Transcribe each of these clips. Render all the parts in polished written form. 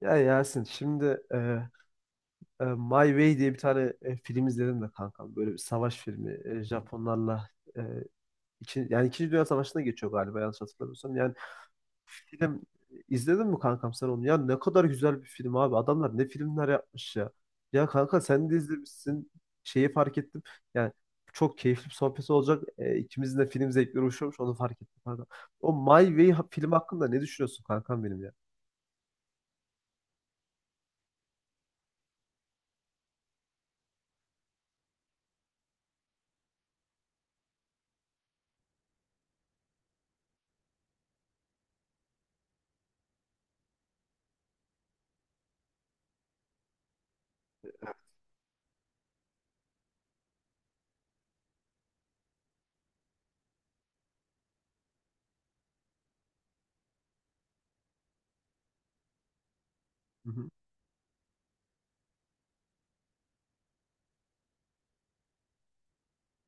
Ya Yasin şimdi e, My Way diye bir tane film izledim de kankam. Böyle bir savaş filmi. Japonlarla e, yani İkinci Dünya Savaşı'na geçiyor galiba yanlış hatırlamıyorsam. Yani film izledin mi kankam sen onu? Ya ne kadar güzel bir film abi. Adamlar ne filmler yapmış ya. Ya kanka sen de izlemişsin. Şeyi fark ettim. Yani çok keyifli bir sohbet olacak. İkimizin de film zevkleri uyuşuyormuş onu fark ettim kankam. O My Way film hakkında ne düşünüyorsun kankam benim ya? Hı hı.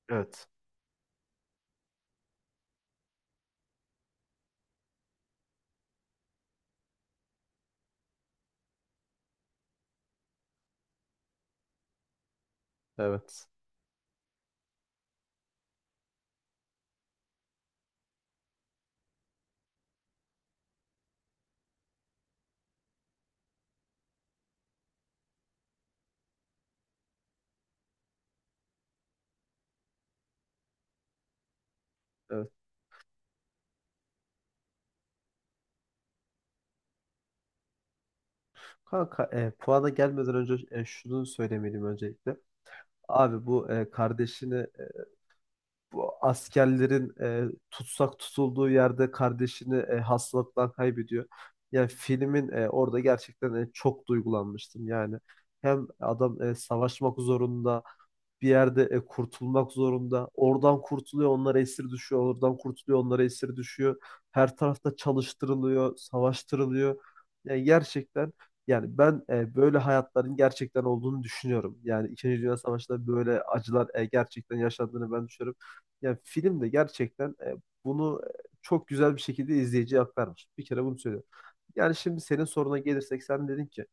Evet. Evet. Evet. Kanka, puana gelmeden önce şunu söylemeliyim öncelikle. Abi bu kardeşini, bu askerlerin tutsak tutulduğu yerde kardeşini hastalıktan kaybediyor. Yani filmin orada gerçekten çok duygulanmıştım. Yani hem adam savaşmak zorunda, bir yerde kurtulmak zorunda. Oradan kurtuluyor, onlara esir düşüyor. Oradan kurtuluyor, onlara esir düşüyor. Her tarafta çalıştırılıyor, savaştırılıyor. Yani gerçekten, yani ben böyle hayatların gerçekten olduğunu düşünüyorum. Yani İkinci Dünya Savaşı'nda böyle acılar gerçekten yaşandığını ben düşünüyorum. Yani film de gerçekten bunu çok güzel bir şekilde izleyiciye aktarmış. Bir kere bunu söylüyorum. Yani şimdi senin soruna gelirsek sen dedin ki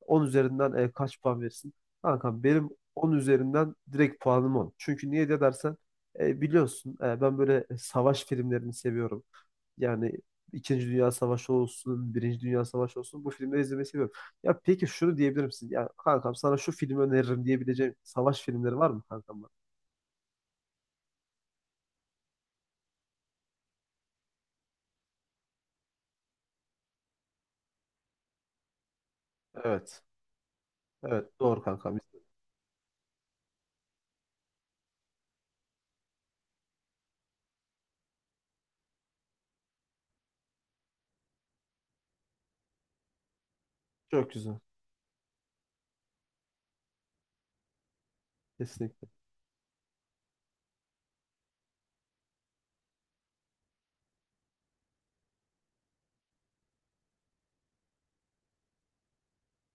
10 üzerinden kaç puan verirsin? Kankam benim 10 üzerinden direkt puanım 10. Çünkü niye de dersen biliyorsun ben böyle savaş filmlerini seviyorum. Yani İkinci Dünya Savaşı olsun, Birinci Dünya Savaşı olsun bu filmleri izlemeyi seviyorum. Ya peki şunu diyebilir misin? Ya kankam, sana şu filmi öneririm diyebileceğim savaş filmleri var mı kankam, bana? Evet. Evet, doğru kankam. Çok güzel. Kesinlikle.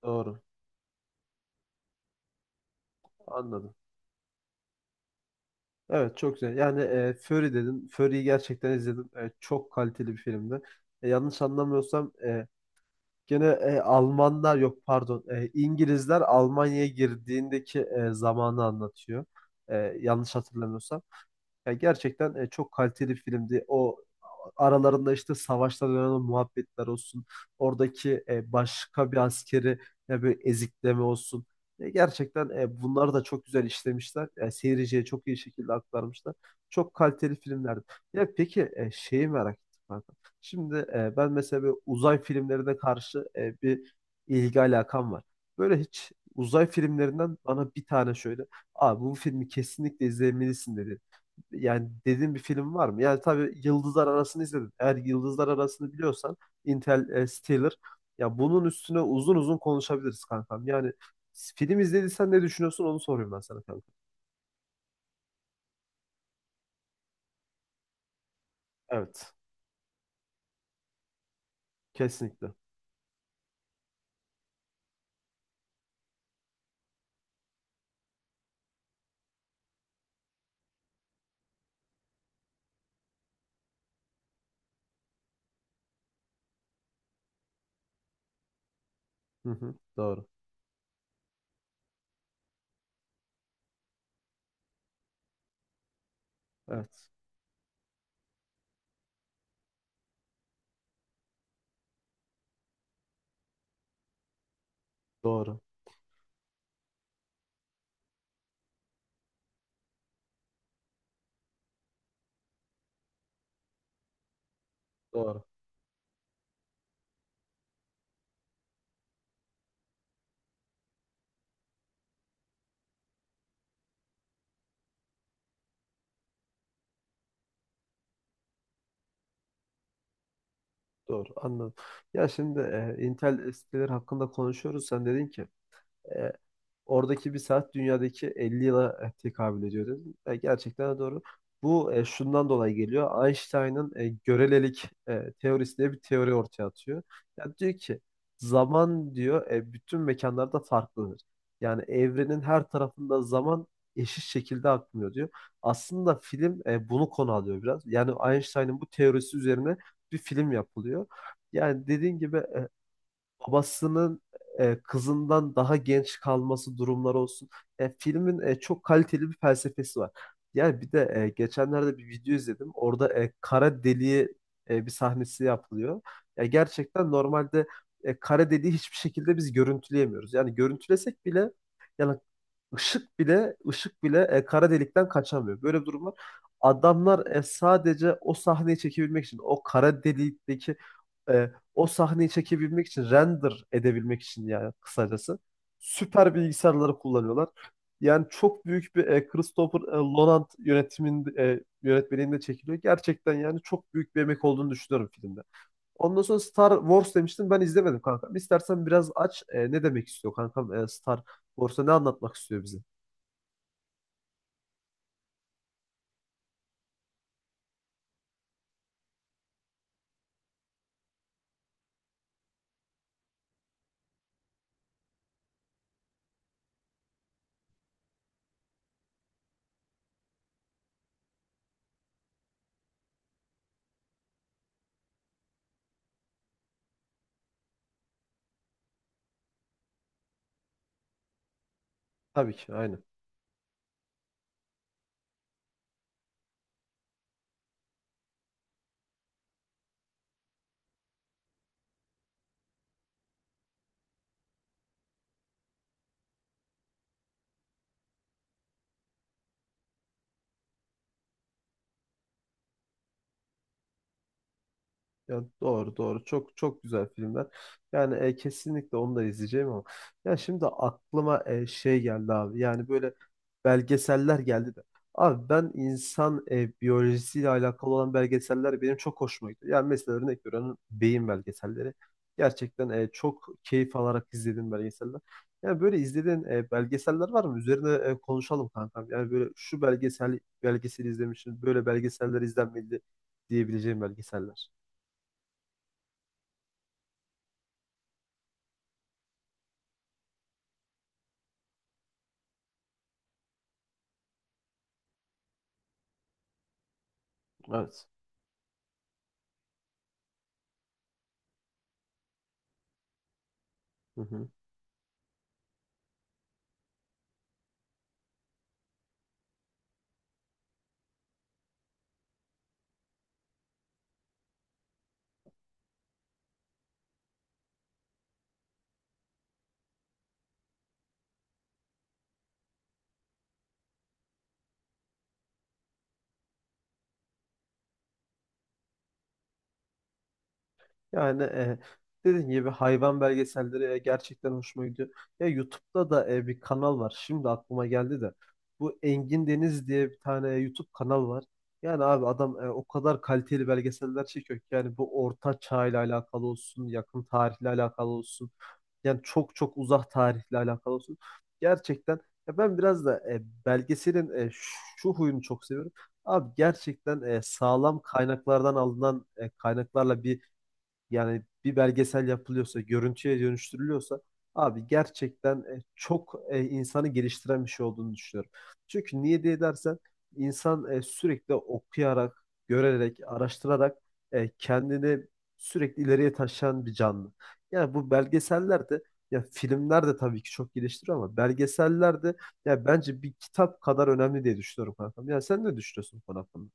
Doğru. Anladım. Evet, çok güzel. Yani Fury dedin. Fury'yi gerçekten izledim. Çok kaliteli bir filmdi. Yanlış anlamıyorsam Almanlar, yok pardon. İngilizler Almanya'ya girdiğindeki zamanı anlatıyor. Yanlış hatırlamıyorsam. Ya gerçekten çok kaliteli filmdi. O aralarında işte savaşta dönen o muhabbetler olsun. Oradaki başka bir askeri ya böyle ezikleme olsun. Gerçekten bunları da çok güzel işlemişler. Seyirciye çok iyi şekilde aktarmışlar. Çok kaliteli filmlerdi. Ya peki, şeyi merak ettim kanka. Şimdi ben mesela böyle uzay filmlerine karşı bir ilgi alakam var. Böyle hiç uzay filmlerinden bana bir tane şöyle "Abi, bu filmi kesinlikle izlemelisin" dedi yani dediğin bir film var mı? Yani tabii Yıldızlar Arası'nı izledim. Eğer Yıldızlar Arası'nı biliyorsan, Intel Interstellar, ya bunun üstüne uzun uzun konuşabiliriz kankam. Yani film izlediysen ne düşünüyorsun onu soruyorum ben sana kankam. Evet. Kesinlikle. Hı hı, doğru. Evet. Doğru. Doğru. Doğru. Anladım. Ya şimdi Interstellar hakkında konuşuyoruz. Sen dedin ki e, oradaki bir saat dünyadaki 50 yıla tekabül ediyor dedim. Gerçekten de doğru. Bu şundan dolayı geliyor. Einstein'ın görelilik teorisi diye bir teori ortaya atıyor. Yani diyor ki zaman diyor bütün mekanlarda farklıdır. Yani evrenin her tarafında zaman eşit şekilde akmıyor diyor. Aslında film bunu konu alıyor biraz. Yani Einstein'ın bu teorisi üzerine bir film yapılıyor. Yani dediğin gibi babasının kızından daha genç kalması durumları olsun. Filmin çok kaliteli bir felsefesi var. Yani bir de geçenlerde bir video izledim. Orada kara deliği bir sahnesi yapılıyor. Ya gerçekten normalde kara deliği hiçbir şekilde biz görüntüleyemiyoruz. Yani görüntülesek bile, yani ışık bile kara delikten kaçamıyor. Böyle bir durum var. Adamlar sadece o sahneyi çekebilmek için, o kara delikteki o sahneyi çekebilmek için, render edebilmek için, yani kısacası süper bilgisayarları kullanıyorlar. Yani çok büyük bir Christopher Nolan yönetmenliğinde çekiliyor. Gerçekten yani çok büyük bir emek olduğunu düşünüyorum filmde. Ondan sonra Star Wars demiştin, ben izlemedim kankam. İstersen biraz aç, ne demek istiyor kankam, e, Star Borsa ne anlatmak istiyor bize? Tabii ki, aynen. Ya doğru, doğru, çok çok güzel filmler. Yani kesinlikle onu da izleyeceğim ama ya şimdi aklıma şey geldi abi. Yani böyle belgeseller geldi de. Abi ben insan biyolojisiyle alakalı olan belgeseller benim çok hoşuma gidiyor. Yani mesela örnek veriyorum, beyin belgeselleri. Gerçekten çok keyif alarak izlediğim belgeseller. Yani böyle izlediğin belgeseller var mı? Üzerine konuşalım kankam. Yani böyle "şu belgeseli izlemişim, böyle belgeseller izlenmedi" diyebileceğim belgeseller. Evet. Hı hı. Yani dediğim gibi hayvan belgeselleri gerçekten hoşuma gidiyor. Ya YouTube'da da bir kanal var. Şimdi aklıma geldi de. Bu Engin Deniz diye bir tane YouTube kanal var. Yani abi, adam o kadar kaliteli belgeseller çekiyor ki yani bu orta çağ ile alakalı olsun, yakın tarihle alakalı olsun. Yani çok çok uzak tarihle alakalı olsun. Gerçekten, ya ben biraz da belgeselin şu huyunu çok seviyorum. Abi gerçekten sağlam kaynaklardan alınan kaynaklarla bir, yani bir belgesel yapılıyorsa, görüntüye dönüştürülüyorsa, abi gerçekten çok insanı geliştiren bir şey olduğunu düşünüyorum. Çünkü niye diye dersen, insan sürekli okuyarak, görerek, araştırarak kendini sürekli ileriye taşıyan bir canlı. Yani bu belgeseller de, ya filmler de tabii ki çok geliştiriyor ama belgeseller de ya bence bir kitap kadar önemli diye düşünüyorum kankam. Yani sen ne düşünüyorsun bu konu hakkında?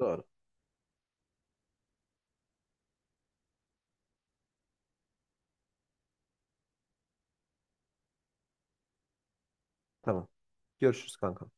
Doğru. Tamam. Görüşürüz kanka.